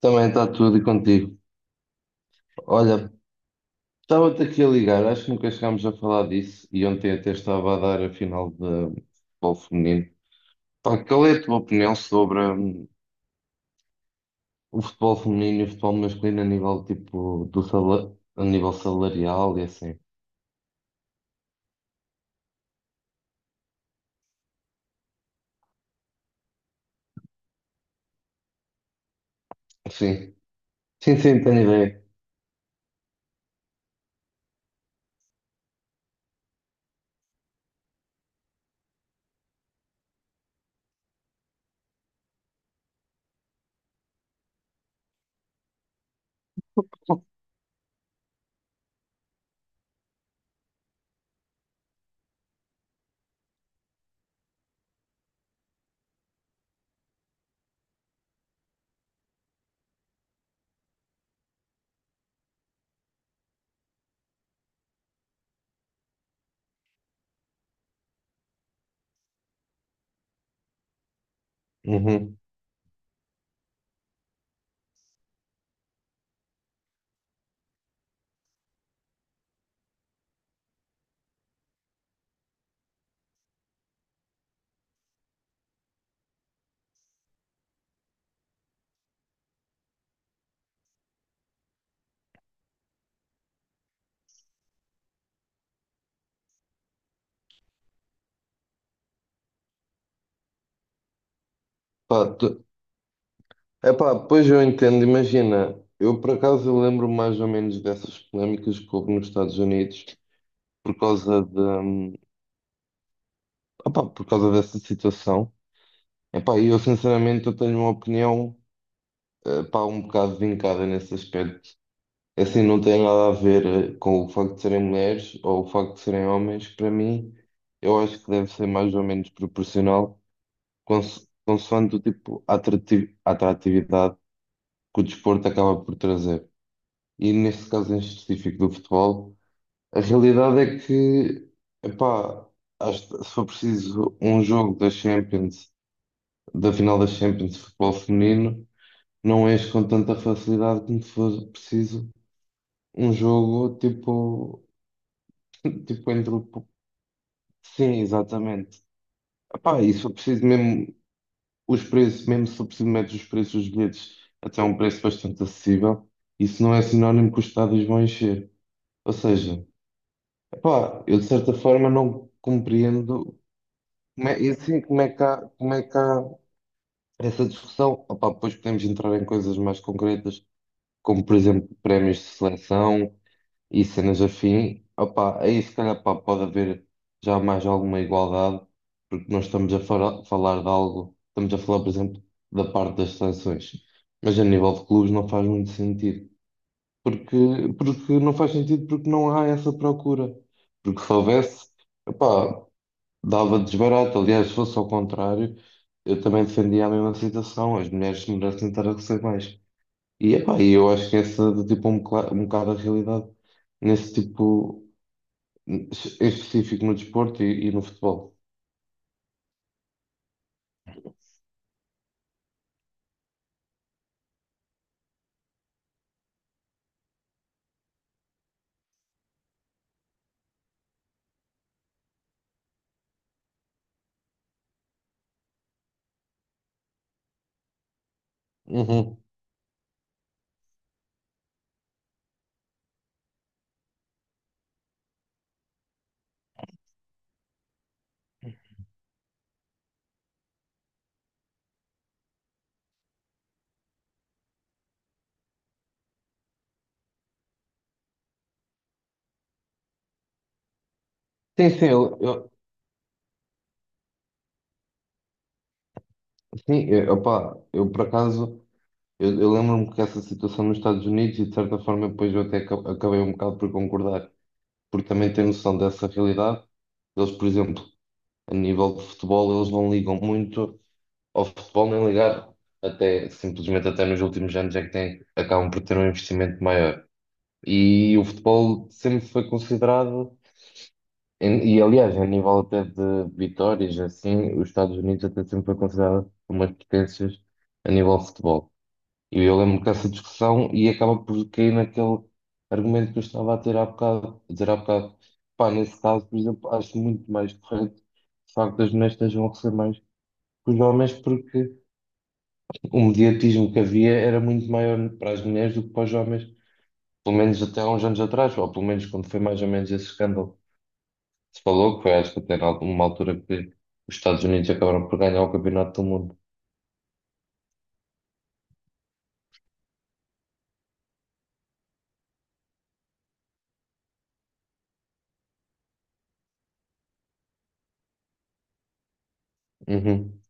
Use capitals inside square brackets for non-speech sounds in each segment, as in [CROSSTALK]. Também está tudo e contigo. Olha, estava-te aqui a ligar, acho que nunca chegámos a falar disso e ontem até estava a dar a final de futebol feminino. Pá, qual é a tua opinião sobre o futebol feminino e o futebol masculino a nível tipo a nível salarial e assim? Sim, sim, sim, tenho ideia. Uhum. Pá, tu... Epá, pois eu entendo, imagina, eu por acaso eu lembro mais ou menos dessas polémicas que houve nos Estados Unidos por causa de, hum, por causa dessa situação. Epá, eu sinceramente eu tenho uma opinião pá, um bocado vincada nesse aspecto. É assim, não tem nada a ver com o facto de serem mulheres ou o facto de serem homens. Para mim, eu acho que deve ser mais ou menos proporcional, consoante o tipo atratividade que o desporto acaba por trazer. E neste caso em específico do futebol, a realidade é que, epá, acho que se for preciso um jogo da Champions, da final da Champions de futebol feminino. Não és com tanta facilidade como se fosse preciso um jogo tipo, [LAUGHS] tipo entre o... po- Sim, exatamente. Epá, e se for preciso mesmo os preços, mesmo se for preciso metes os preços dos bilhetes até um preço bastante acessível, isso não é sinónimo que os estádios vão encher. Ou seja, epá, eu de certa forma não compreendo como é, e assim, como é que há essa discussão. Opá, depois podemos entrar em coisas mais concretas, como por exemplo prémios de seleção e cenas afim, opa, aí se calhar pá, pode haver já mais alguma igualdade, porque nós estamos a falar de algo, estamos a falar, por exemplo, da parte das sanções, mas a nível de clubes não faz muito sentido, porque, porque não faz sentido porque não há essa procura, porque se houvesse, opá, dava desbarato, aliás, se fosse ao contrário, eu também defendia a mesma situação, as mulheres merecem estar a receber mais. E, epá, e eu acho que essa é tipo um bocado a realidade nesse tipo. Em específico no desporto e no futebol. Uhum. Sim, sim, sim, eu, opá, eu por acaso, eu lembro-me que essa situação nos Estados Unidos e de certa forma depois eu até acabei um bocado por concordar, porque também tenho noção dessa realidade. Eles, por exemplo, a nível de futebol, eles não ligam muito ao futebol, nem ligar até, simplesmente até nos últimos anos é que têm, acabam por ter um investimento maior. E o futebol sempre foi considerado. Aliás, a nível até de vitórias, assim, os Estados Unidos até sempre foi considerado umas potências a nível de futebol. E eu lembro dessa discussão e acaba por cair naquele argumento que eu estava a ter há bocado, a dizer há bocado. Pá, nesse caso, por exemplo, acho muito mais correto, de facto, as mulheres estejam a receber mais que os homens, porque o mediatismo que havia era muito maior para as mulheres do que para os homens, pelo menos até há uns anos atrás, ou pelo menos quando foi mais ou menos esse escândalo se falou que foi, acho que até era uma altura que os Estados Unidos acabaram por ganhar o Campeonato do Mundo. Uhum.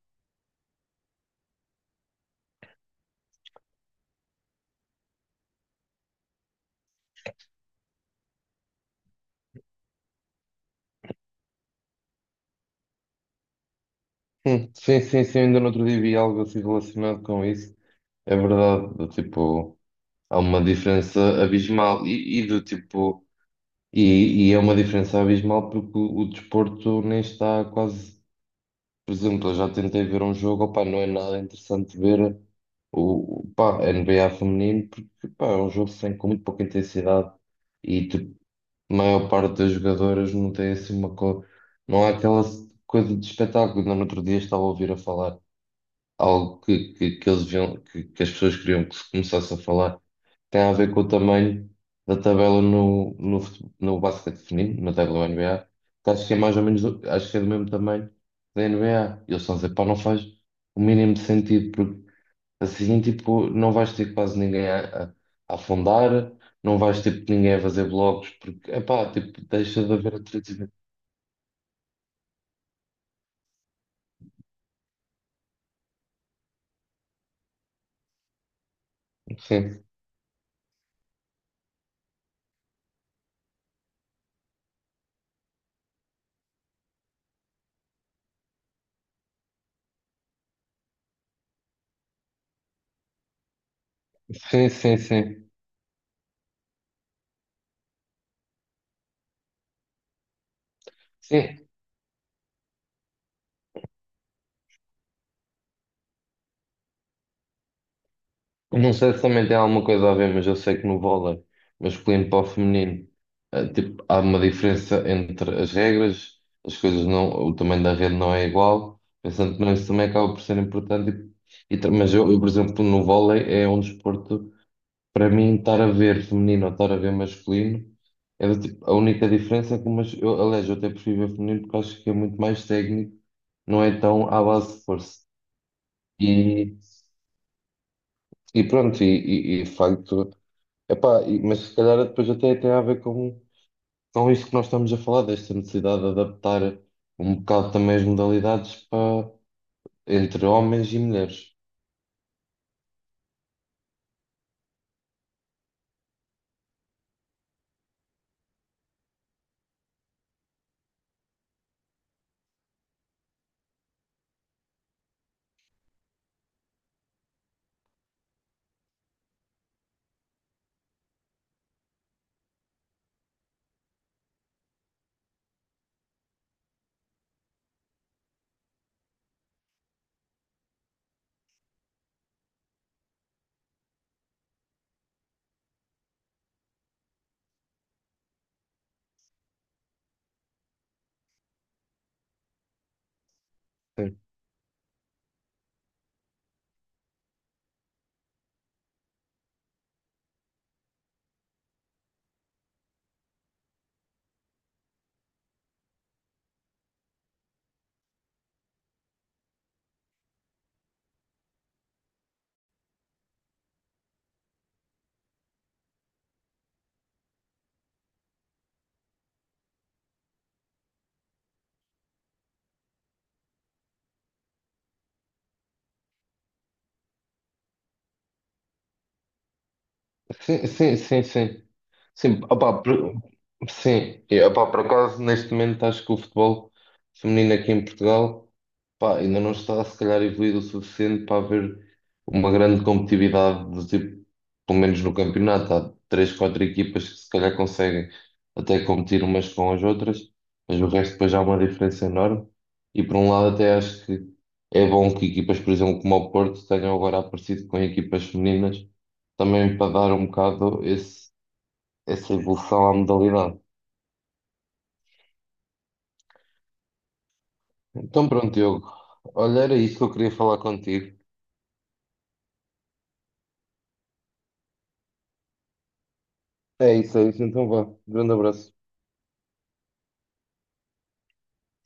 Sim, sim, sim, ainda no outro dia vi algo assim relacionado com isso. É verdade, do tipo, há uma diferença abismal e do tipo, é uma diferença abismal porque o desporto nem está quase, por exemplo, eu já tentei ver um jogo, opá, não é nada interessante ver o, pá, N B a NBA feminino porque, pá, é um jogo sem, com muito pouca intensidade. E, tipo, a maior parte das jogadoras não tem assim uma co... não há aquela coisa de espetáculo. Ainda no outro dia estava a ouvir a falar algo que eles viam, que as pessoas queriam que se começasse a falar. Tem a ver com o tamanho da tabela no basquete feminino, na tabela WNBA, que acho que é mais ou menos, acho que é do mesmo tamanho da NBA. E eles estão a dizer, pá, não faz o mínimo de sentido, assim, tipo, não vais ter quase ninguém a afundar, não vais ter ninguém a fazer blogs, porque, epá, tipo, deixa de haver atletismo. Sim, sim, sim, sim. Sim, não sei se também tem alguma coisa a ver, mas eu sei que no vôlei masculino para o feminino, tipo, há uma diferença entre as regras, as coisas não, o tamanho da rede não é igual, pensando que não, isso também acaba por ser importante. Mas eu, por exemplo, no vôlei é um desporto. Para mim, estar a ver feminino ou estar a ver masculino é do tipo, a única diferença é que o mas, eu, aliás, eu até prefiro ver feminino porque acho que é muito mais técnico, não é tão à base de força. E, e pronto, e de facto, epá, mas se calhar depois até tem a ver com isto que nós estamos a falar, desta necessidade de adaptar um bocado também as modalidades para, entre homens e mulheres. Sim, sim, sim, sim. Sim. Sim, opá, sim, e, opá, por acaso neste momento acho que o futebol feminino aqui em Portugal pá, ainda não está se calhar evoluído o suficiente para haver uma grande competitividade, do tipo, pelo menos no campeonato, há três, quatro equipas que se calhar conseguem até competir umas com as outras, mas o resto depois há uma diferença enorme e por um lado até acho que é bom que equipas, por exemplo, como o Porto tenham agora aparecido com equipas femininas também para dar um bocado esse essa evolução à modalidade. Então pronto, Diogo. Olha, era isso que eu queria falar contigo. É isso, é isso. Então vá. Grande abraço.